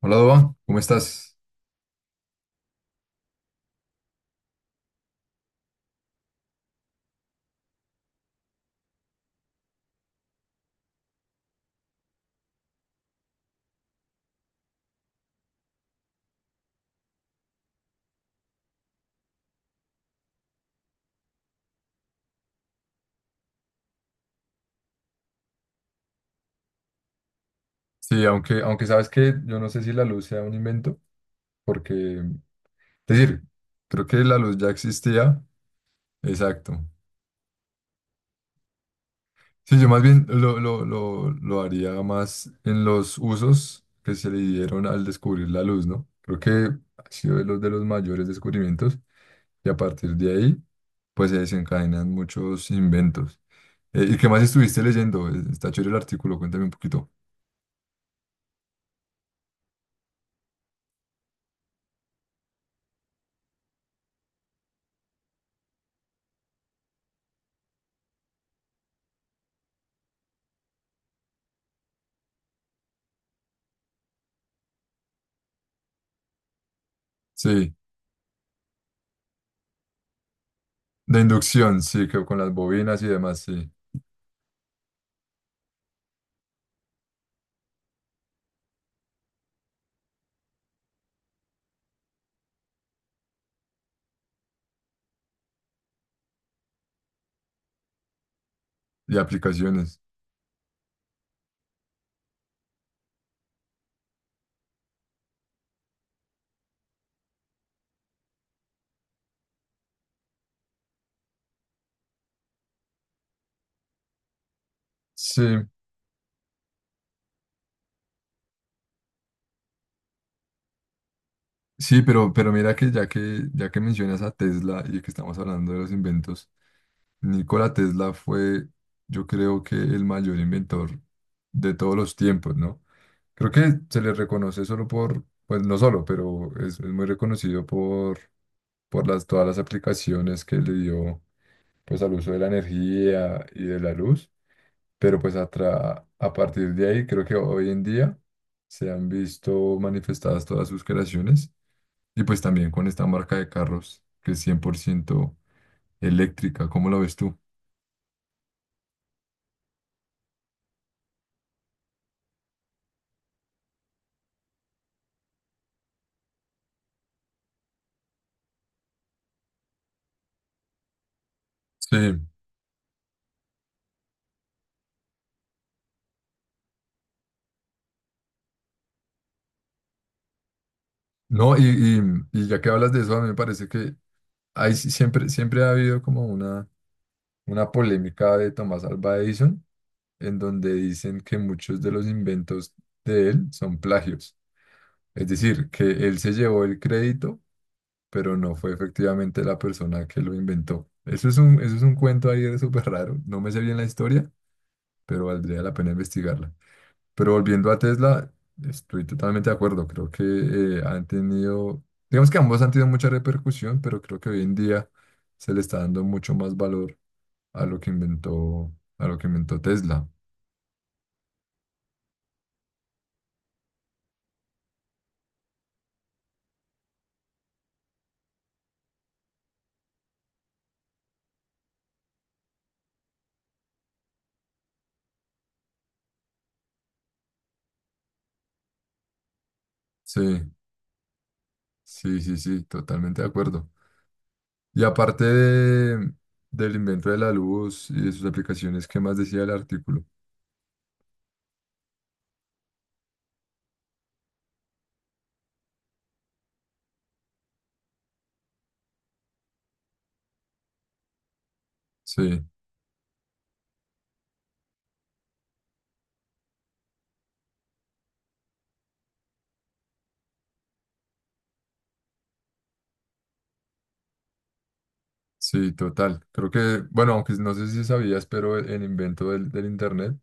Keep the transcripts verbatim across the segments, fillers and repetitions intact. Hola, Doba, ¿cómo estás? Sí, aunque, aunque sabes que yo no sé si la luz sea un invento, porque, es decir, creo que la luz ya existía. Exacto. Sí, yo más bien lo, lo, lo, lo haría más en los usos que se le dieron al descubrir la luz, ¿no? Creo que ha sido de los, de los mayores descubrimientos y a partir de ahí, pues se desencadenan muchos inventos. Eh, ¿y qué más estuviste leyendo? Eh, Está chévere el artículo, cuéntame un poquito. Sí, de inducción, sí, que con las bobinas y demás, sí. Y aplicaciones. Sí, sí, pero, pero mira que ya que ya que mencionas a Tesla y que estamos hablando de los inventos, Nikola Tesla fue, yo creo que el mayor inventor de todos los tiempos, ¿no? Creo que se le reconoce solo por, pues no solo, pero es, es muy reconocido por, por las, todas las aplicaciones que le dio pues al uso de la energía y de la luz. Pero pues atra- a partir de ahí, creo que hoy en día se han visto manifestadas todas sus creaciones y pues también con esta marca de carros que es cien por ciento eléctrica. ¿Cómo lo ves tú? Sí, no, y, y- y ya que hablas de eso, a mí me parece que hay, si- siempre, siempre ha habido como una, una polémica de Tomás Alva Edison, en donde dicen que muchos de los inventos de él son plagios. Es decir, que él se llevó el crédito pero no fue efectivamente la persona que lo inventó. Eso es un, eso es un cuento ahí súper raro. No me sé bien la historia, pero valdría la pena investigarla. Pero volviendo a Tesla, estoy totalmente de acuerdo. Creo que eh, han tenido, digamos que ambos han tenido mucha repercusión, pero creo que hoy en día se le está dando mucho más valor a lo que inventó, a lo que inventó Tesla. Sí, sí, sí, sí, totalmente de acuerdo. Y aparte de- del invento de la luz y de sus aplicaciones, ¿qué más decía el artículo? Sí, sí, total. Creo que, bueno, aunque no sé si sabías, pero el, el invento del, del Internet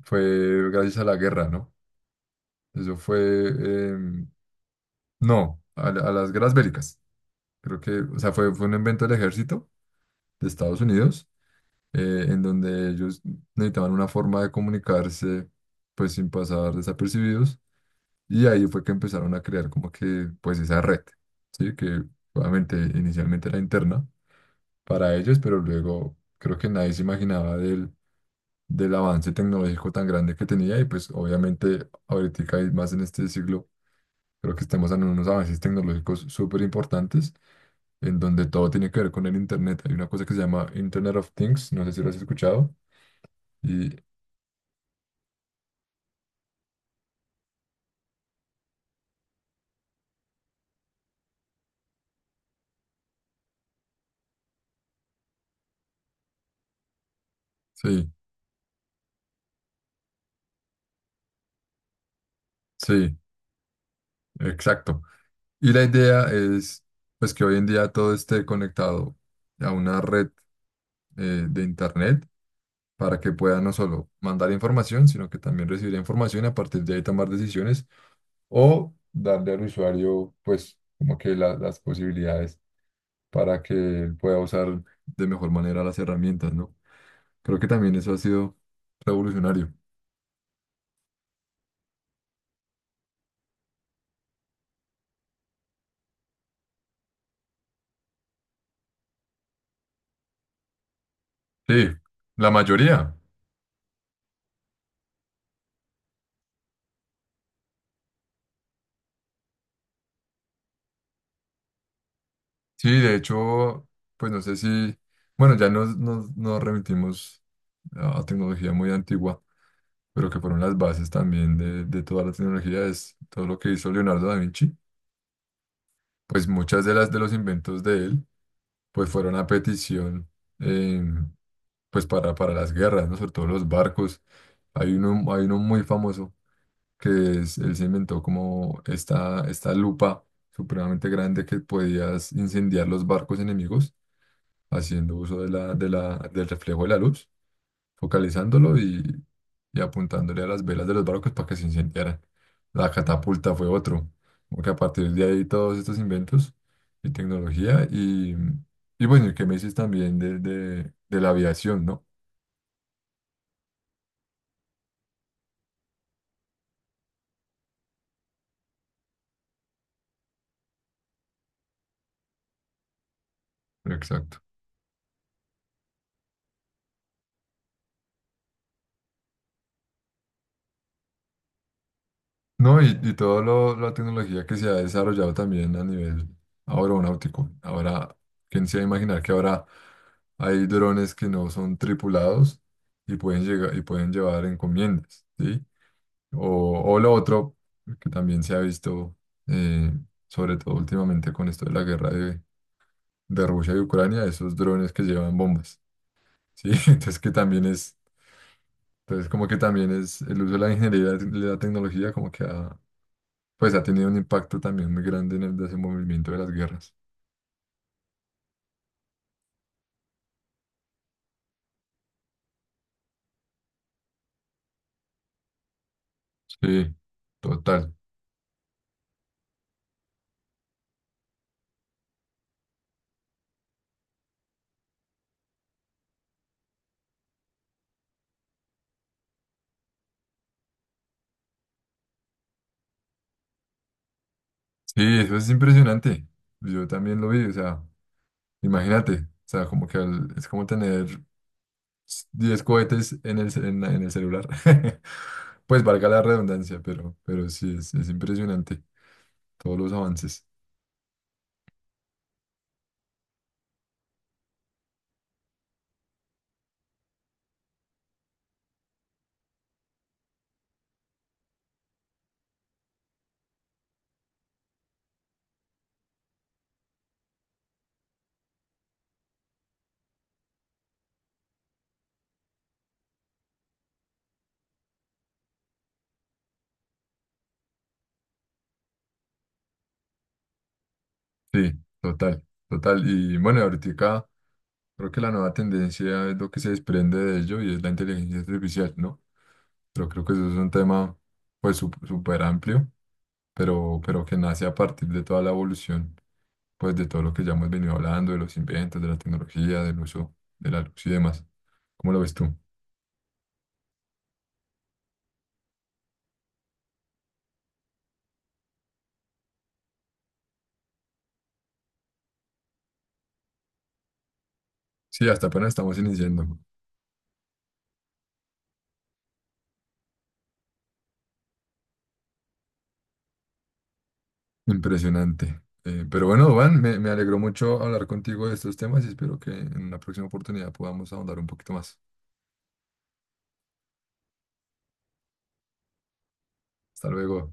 fue gracias a la guerra, ¿no? Eso fue, em, no, a, la- a las guerras bélicas. Creo que, o sea, fue, fue un invento del ejército de Estados Unidos, eh, en donde ellos necesitaban una forma de comunicarse, pues sin pasar desapercibidos, y ahí fue que empezaron a crear como que, pues esa red, ¿sí? Que obviamente inicialmente era interna para ellos, pero luego creo que nadie se imaginaba del, del avance tecnológico tan grande que tenía y pues obviamente ahorita y más en este siglo creo que estamos en unos avances tecnológicos súper importantes en donde todo tiene que ver con el Internet. Hay una cosa que se llama Internet of Things, no sé si lo has escuchado. Y sí, sí, exacto. Y la idea es pues que hoy en día todo esté conectado a una red eh, de Internet para que pueda no solo mandar información, sino que también recibir información y a partir de ahí tomar decisiones o darle al usuario, pues, como que la- las posibilidades para que él pueda usar de mejor manera las herramientas, ¿no? Creo que también eso ha sido revolucionario. Sí, la mayoría. Sí, de hecho, pues no sé si, bueno, ya nos, nos, nos remitimos a a tecnología muy antigua, pero que fueron las bases también de, de toda la tecnología, es todo lo que hizo Leonardo da Vinci pues muchas de las de los inventos de él, pues fueron a petición, eh, pues para, para las guerras, ¿no? Sobre todo los barcos. Hay uno, hay uno muy famoso que es, él se inventó como esta, esta lupa supremamente grande que podías incendiar los barcos enemigos haciendo uso de la, de la, del reflejo de la luz focalizándolo y, y apuntándole a las velas de los barcos para que se incendiaran. La catapulta fue otro, porque a partir de ahí todos estos inventos y tecnología y, y bueno, y que me dices también de, de, de la aviación, ¿no? Exacto. No, y, y toda la tecnología que se ha desarrollado también a nivel aeronáutico. Ahora, ¿quién se va a imaginar que ahora hay drones que no son tripulados y pueden llegar y pueden llevar encomiendas, ¿sí? O, o lo otro, que también se ha visto, eh, sobre todo últimamente con esto de la guerra de, de Rusia y Ucrania, esos drones que llevan bombas, ¿sí? Entonces que también es, entonces como que también es el uso de la ingeniería y la tecnología como que ha, pues ha tenido un impacto también muy grande en el desenvolvimiento de las guerras. Sí, total. Sí, eso es impresionante. Yo también lo vi, o sea, imagínate, o sea, como que al- es como tener diez cohetes en el, ce- en la- en el celular. Pues valga la redundancia, pero, pero sí, es, es impresionante todos los avances. Sí, total, total. Y bueno, ahorita creo que la nueva tendencia es lo que se desprende de ello y es la inteligencia artificial, ¿no? Pero creo que eso es un tema pues sup- súper amplio, pero, pero que nace a partir de toda la evolución, pues de todo lo que ya hemos venido hablando, de los inventos, de la tecnología, del uso de la luz y demás. ¿Cómo lo ves tú? Sí, hasta apenas estamos iniciando. Impresionante. Eh, pero bueno, Van, me, me alegró mucho hablar contigo de estos temas y espero que en una próxima oportunidad podamos ahondar un poquito más. Hasta luego.